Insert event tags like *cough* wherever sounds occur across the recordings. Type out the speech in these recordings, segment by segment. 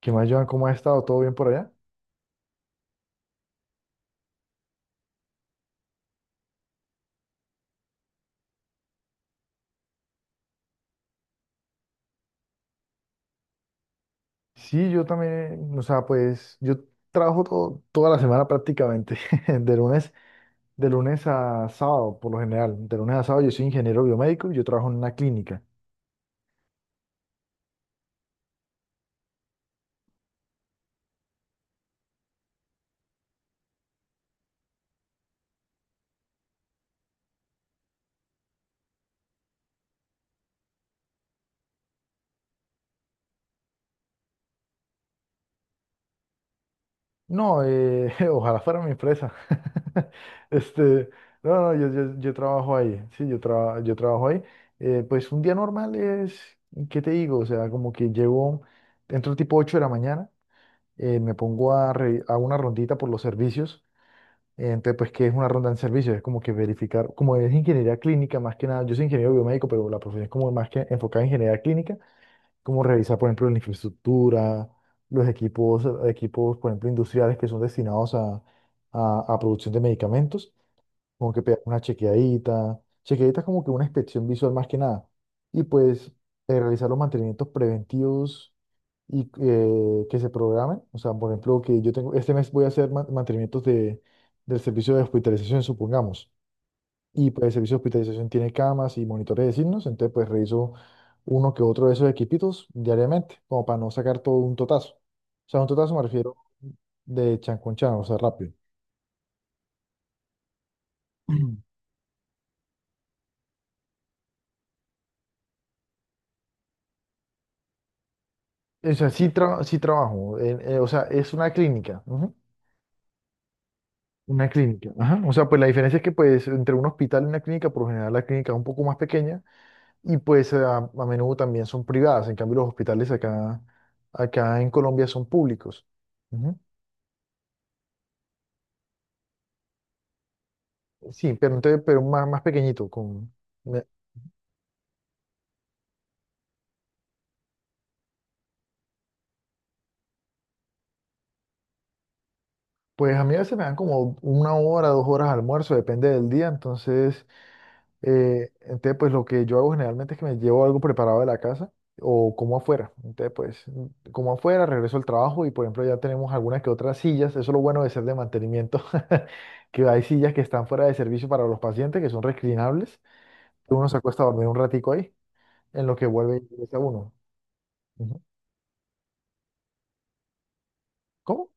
¿Qué más, Joan? ¿Cómo ha estado? ¿Todo bien por allá? Sí, yo también, o sea, pues yo trabajo toda la semana prácticamente, *laughs* de lunes, de lunes a sábado, por lo general. De lunes a sábado yo soy ingeniero biomédico y yo trabajo en una clínica. No, *laughs* ojalá fuera mi empresa. *laughs* Este, no, no, yo trabajo ahí, sí, yo trabajo ahí. Pues un día normal es, ¿qué te digo? O sea, como que llego, entro tipo 8 de la mañana, me pongo a, a una rondita por los servicios. Entonces, pues, ¿qué es una ronda en servicio? Es como que verificar, como es ingeniería clínica, más que nada, yo soy ingeniero biomédico, pero la profesión es como más que enfocada en ingeniería clínica, como revisar, por ejemplo, la infraestructura, los equipos, equipos, por ejemplo, industriales que son destinados a, a producción de medicamentos, como que pegar una chequeadita. Chequeadita es como que una inspección visual más que nada. Y pues realizar los mantenimientos preventivos y que se programen. O sea, por ejemplo, que yo tengo, este mes voy a hacer mantenimientos de, del servicio de hospitalización, supongamos. Y pues el servicio de hospitalización tiene camas y monitores de signos, entonces pues reviso uno que otro de esos equipitos diariamente, como para no sacar todo un totazo. O sea, un totazo me refiero de chancón con chan, o sea, rápido. *clears throat* O sea, sí, sí trabajo. O sea, es una clínica. Ujú. Una clínica. Ajá. O sea, pues la diferencia es que pues entre un hospital y una clínica, por lo general la clínica es un poco más pequeña y pues a menudo también son privadas. En cambio, los hospitales acá, acá en Colombia son públicos. Ujú. Sí, pero, pero más, más pequeñito. Con, me- pues a mí a veces me dan como una hora, 2 horas de almuerzo, depende del día. Entonces... Entonces, pues lo que yo hago generalmente es que me llevo algo preparado de la casa o como afuera. Entonces, pues como afuera, regreso al trabajo y, por ejemplo, ya tenemos algunas que otras sillas. Eso es lo bueno de ser de mantenimiento, *laughs* que hay sillas que están fuera de servicio para los pacientes, que son reclinables. Uno se acuesta a dormir un ratico ahí, en lo que vuelve y regresa uno. Ujú. ¿Cómo?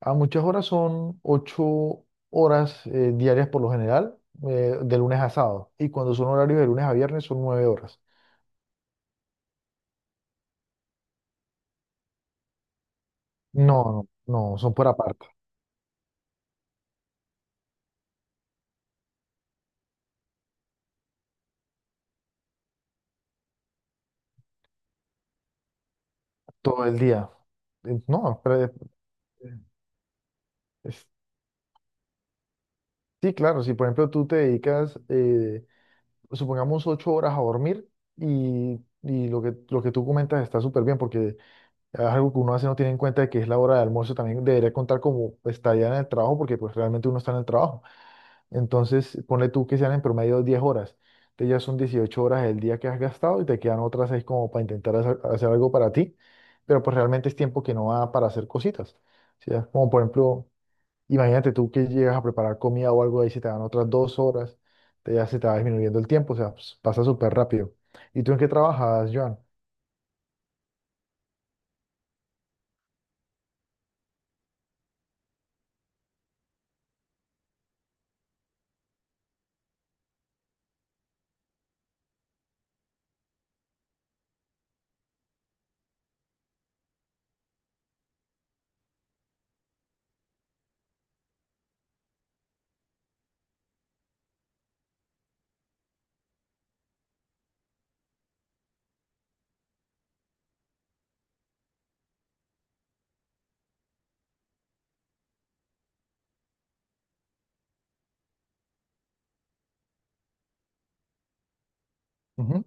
A muchas horas son 8 horas diarias por lo general, de lunes a sábado. Y cuando son horarios de lunes a viernes son 9 horas. No, no, no, son por aparte. Todo el día. No, pero, es- sí, claro, si por ejemplo tú te dedicas, supongamos, 8 horas a dormir y, lo que tú comentas está súper bien porque es algo que uno hace, no tiene en cuenta de que es la hora de almuerzo, también debería contar como estadía en el trabajo porque pues realmente uno está en el trabajo. Entonces, ponle tú que sean en promedio 10 horas. Entonces ya son 18 horas el día que has gastado y te quedan otras seis como para intentar hacer algo para ti, pero pues realmente es tiempo que no va para hacer cositas. O sea, como por ejemplo... Imagínate tú que llegas a preparar comida o algo ahí, se te dan otras 2 horas, ya se te va disminuyendo el tiempo, o sea, pues, pasa súper rápido. ¿Y tú en qué trabajas, Joan? Ujú,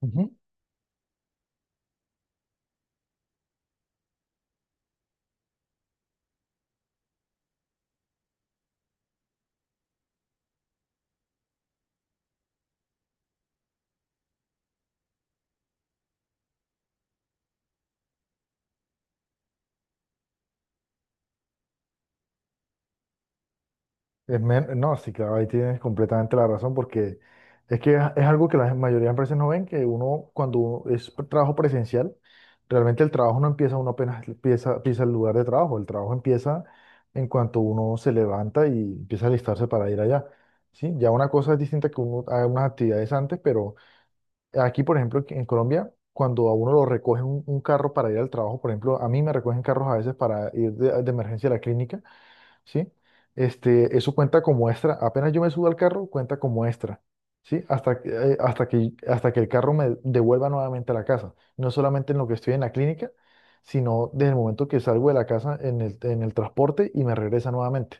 ujú. No, sí, claro, ahí tienes completamente la razón, porque es que es algo que la mayoría de empresas no ven, que uno cuando uno es trabajo presencial, realmente el trabajo no empieza, uno apenas empieza, empieza el lugar de trabajo, el trabajo empieza en cuanto uno se levanta y empieza a alistarse para ir allá. Sí, ya una cosa es distinta que uno haga unas actividades antes, pero aquí, por ejemplo, en Colombia, cuando a uno lo recogen un carro para ir al trabajo, por ejemplo, a mí me recogen carros a veces para ir de emergencia a la clínica, ¿sí? Este, eso cuenta como extra. Apenas yo me subo al carro, cuenta como extra, ¿sí? Hasta que, hasta que el carro me devuelva nuevamente a la casa. No solamente en lo que estoy en la clínica, sino desde el momento que salgo de la casa en el transporte y me regresa nuevamente.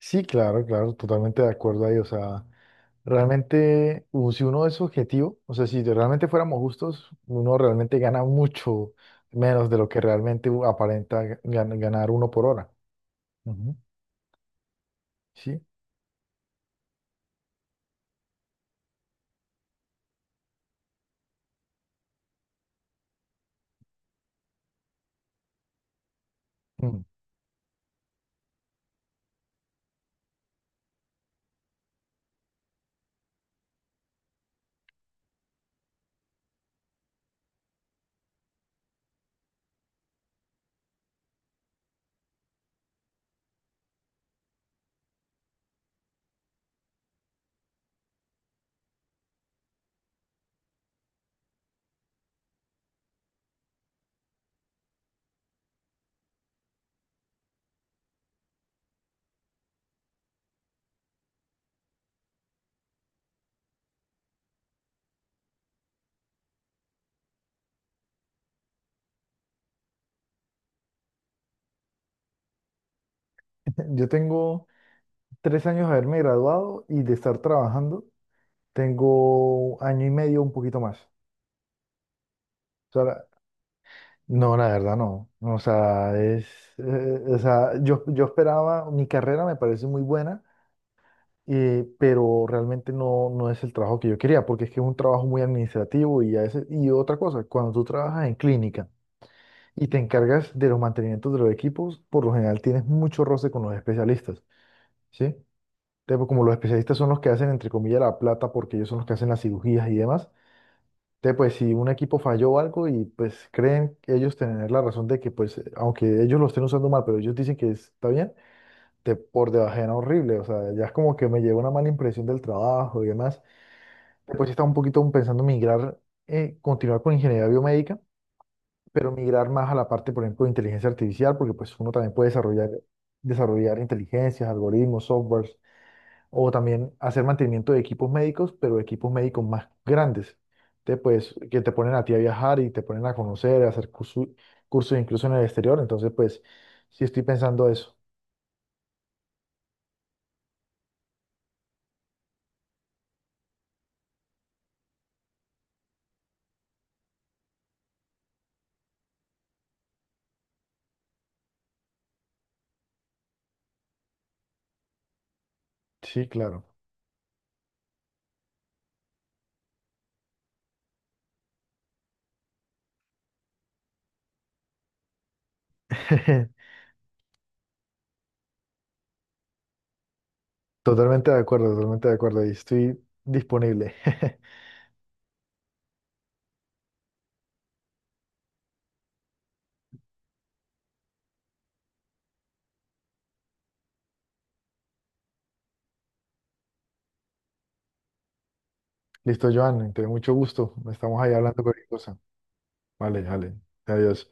Sí, claro, claro, totalmente de acuerdo ahí. O sea, realmente, si uno es objetivo, o sea, si de- realmente fuéramos justos, uno realmente gana mucho menos de lo que realmente ganar uno por hora. Ujú. Sí. Mm. *laughs* Yo tengo 3 años de haberme graduado y de estar trabajando, tengo año y medio, un poquito más. O sea, no, la verdad no. O sea, es, o sea, yo esperaba, mi carrera me parece muy buena, pero realmente no, no es el trabajo que yo quería, porque es que es un trabajo muy administrativo y, a veces... y otra cosa, cuando tú trabajas en clínica y te encargas de los mantenimientos de los equipos, por lo general tienes mucho roce con los especialistas, ¿sí? Entonces, pues, como los especialistas son los que hacen, entre comillas, la plata, porque ellos son los que hacen las cirugías y demás, entonces, pues si un equipo falló o algo y pues creen ellos tener la razón de que, pues, aunque ellos lo estén usando mal, pero ellos dicen que está bien, te por debajean horrible, o sea, ya es como que me lleva una mala impresión del trabajo y demás. Después estaba un poquito pensando migrar, continuar con ingeniería biomédica, pero migrar más a la parte, por ejemplo, de inteligencia artificial, porque pues uno también puede desarrollar, desarrollar inteligencias, algoritmos, softwares, o también hacer mantenimiento de equipos médicos, pero equipos médicos más grandes. Entonces, pues, que te ponen a ti a viajar y te ponen a conocer, a hacer cursos incluso en el exterior. Entonces, pues, sí estoy pensando eso. Sí, claro. *laughs* Totalmente de acuerdo, totalmente de acuerdo. Y estoy disponible. *laughs* Listo, Joan, te mucho gusto. Estamos ahí hablando cualquier cosa. Vale, vale. Adiós.